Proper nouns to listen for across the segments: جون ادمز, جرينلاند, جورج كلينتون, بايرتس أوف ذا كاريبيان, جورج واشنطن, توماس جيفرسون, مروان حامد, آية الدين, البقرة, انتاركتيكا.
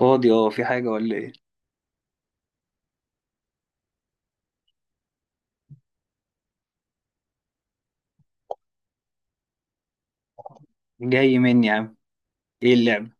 فاضي، اه، في حاجة ولا ايه؟ جاي مني يا عم. ايه اللعبة؟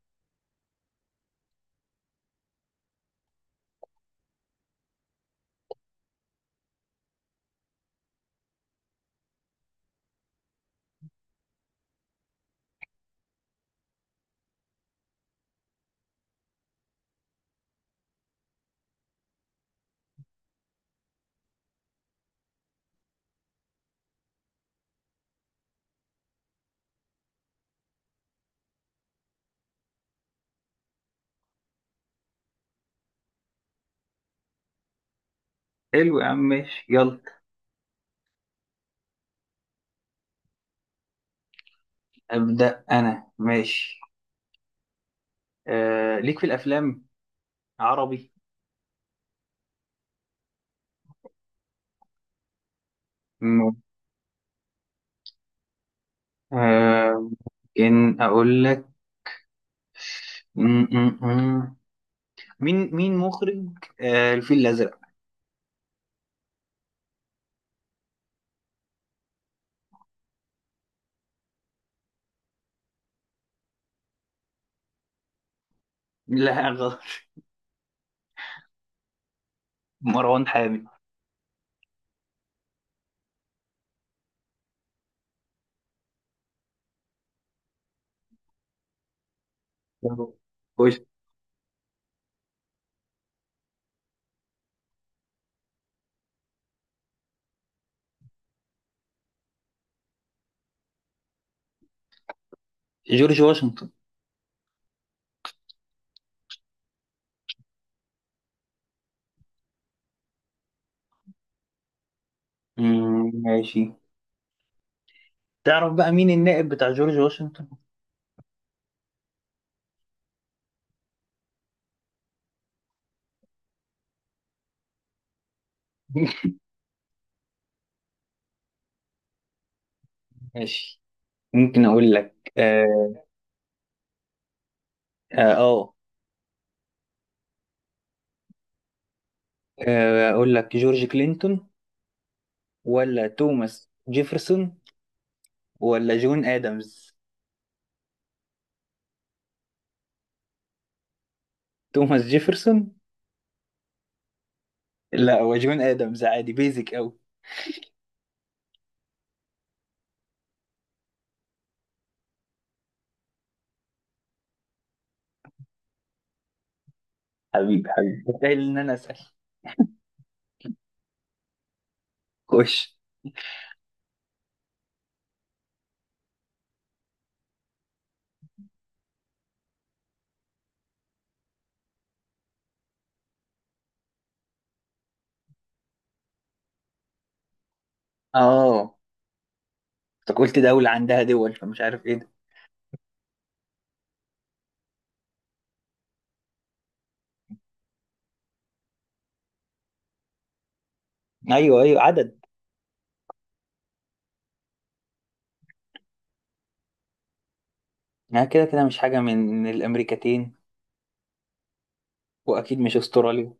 حلو يا عم، ماشي، يلا. أبدأ أنا، ماشي. ليك في الأفلام عربي. م- آه إن أقول لك. م- م- م. مين مخرج الفيل الأزرق؟ لا، غلط مروان حامد. خش. جورج واشنطن. ماشي. تعرف بقى مين النائب بتاع جورج واشنطن؟ ماشي، ممكن أقول لك آه آه. اقول لك جورج كلينتون ولا توماس جيفرسون ولا جون ادمز؟ توماس جيفرسون. لا، هو جون ادمز، عادي بيزك قوي. حبيبي حبيبي، متخيل ان انا اسال. خش. اه انت قلت دولة عندها دول، فمش عارف ايه ده. ايوه ايوه، عدد. ما كده كده مش حاجة من الامريكتين، واكيد مش استراليا.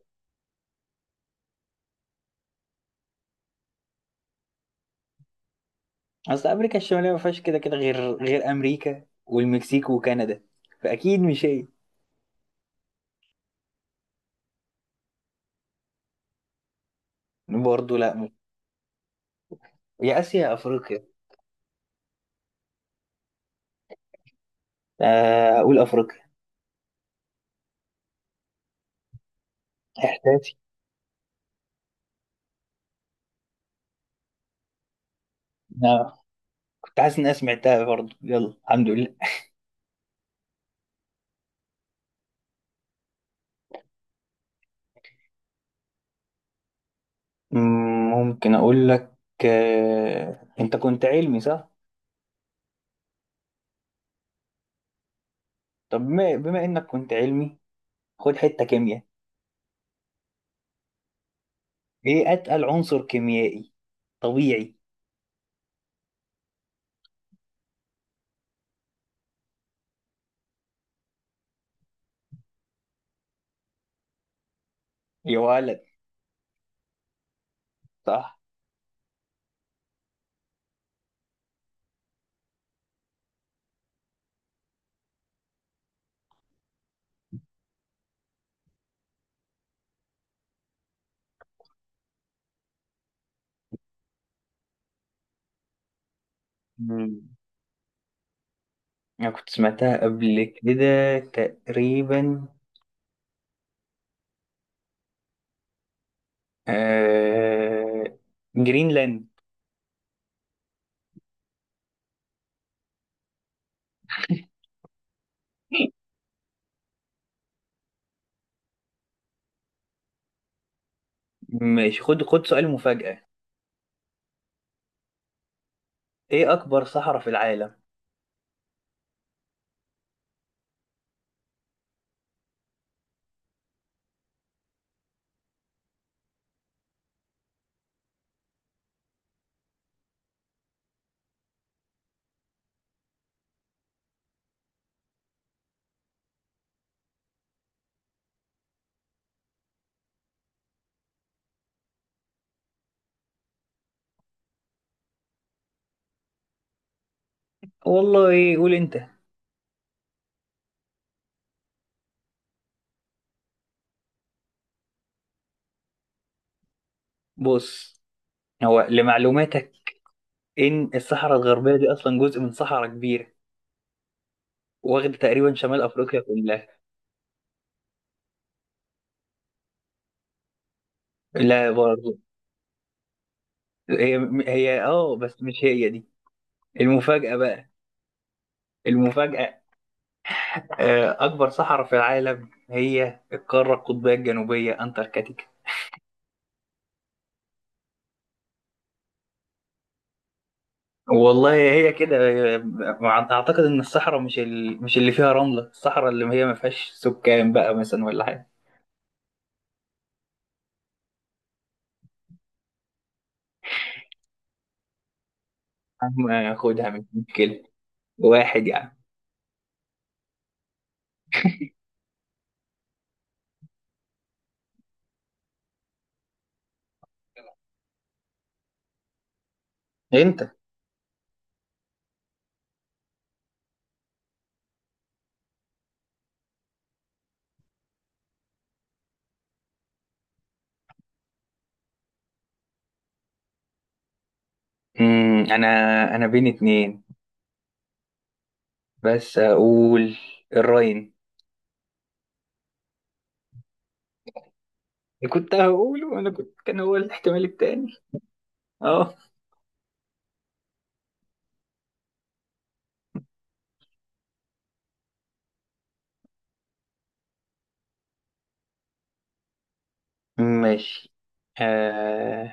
اصل امريكا الشمالية ما فيهاش كده كده غير امريكا والمكسيك وكندا، فاكيد مش هي. برضه لا، مش. يا اسيا يا افريقيا. اقول افريقيا. آه، كنت حاسس إن أنا سمعتها برضه. يلا الحمد لله. مم، ممكن أقول لك، أنت كنت علمي صح؟ طب بما إنك كنت علمي، خد حتة كيمياء. إيه أتقل عنصر كيميائي طبيعي؟ يا ولد، صح؟ مم. أنا كنت سمعتها قبل كده تقريبا. آه... جرينلاند. ماشي، خد خد سؤال مفاجأة. إيه أكبر صحراء في العالم؟ والله، إيه؟ قول أنت. بص، هو لمعلوماتك ان الصحراء الغربيه دي اصلا جزء من صحراء كبيره، واخده تقريبا شمال افريقيا كلها. لا برضه. هي هي بس مش هي دي. المفاجاه بقى. المفاجاه، اكبر صحراء في العالم هي القاره القطبيه الجنوبيه انتاركتيكا. والله هي كده. اعتقد ان الصحراء مش مش اللي فيها رمله، الصحراء اللي هي ما فيهاش سكان بقى مثلا، ولا حاجه. أما خدها، مش مشكله، واحد يعني. انت. امم انا انا بين اتنين، بس هقول الراين. كنت هقوله، انا كنت كان هو الاحتمال التاني. اه، ماشي. آه...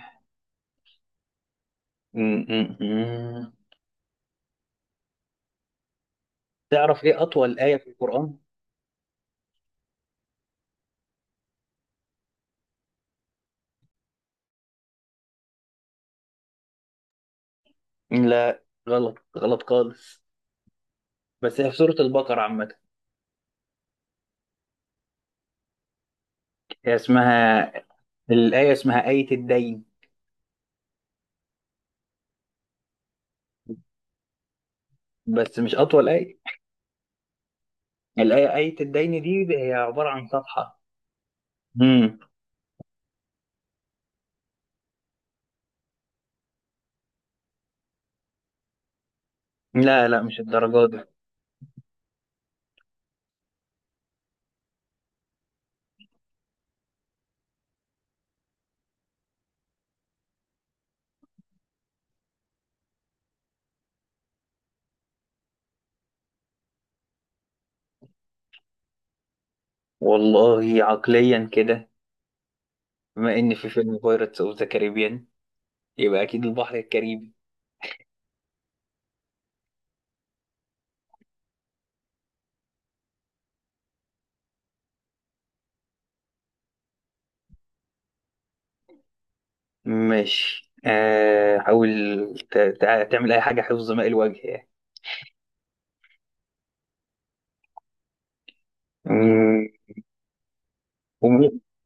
م- م- م. تعرف ايه اطول آية في القرآن؟ لا، غلط غلط خالص، بس هي في سورة البقرة عامة. هي اسمها الآية اسمها آية الدين. بس مش أطول آية. الآية آية الدين دي هي عبارة عن صفحة. مم. لا لا، مش الدرجة دي. والله عقليا كده، بما إن في فيلم بايرتس أوف ذا كاريبيان، يبقى اكيد البحر الكاريبي. ماشي، حاول تعمل اي حاجه، حفظ ماء الوجه يعني. مم، ومش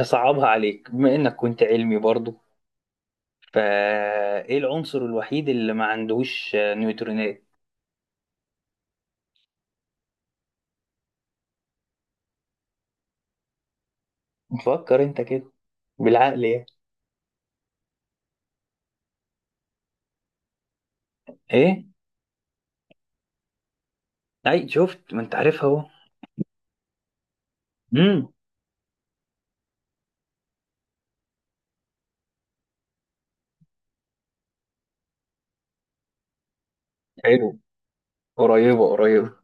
هصعبها عليك، بما انك كنت علمي برضو، فايه العنصر الوحيد اللي ما عندهوش نيوترونات؟ فكر انت كده، بالعقل يعني. ايه؟ اي، شفت ما انت عارفها اهو. امم حلو. قريبه قريبه.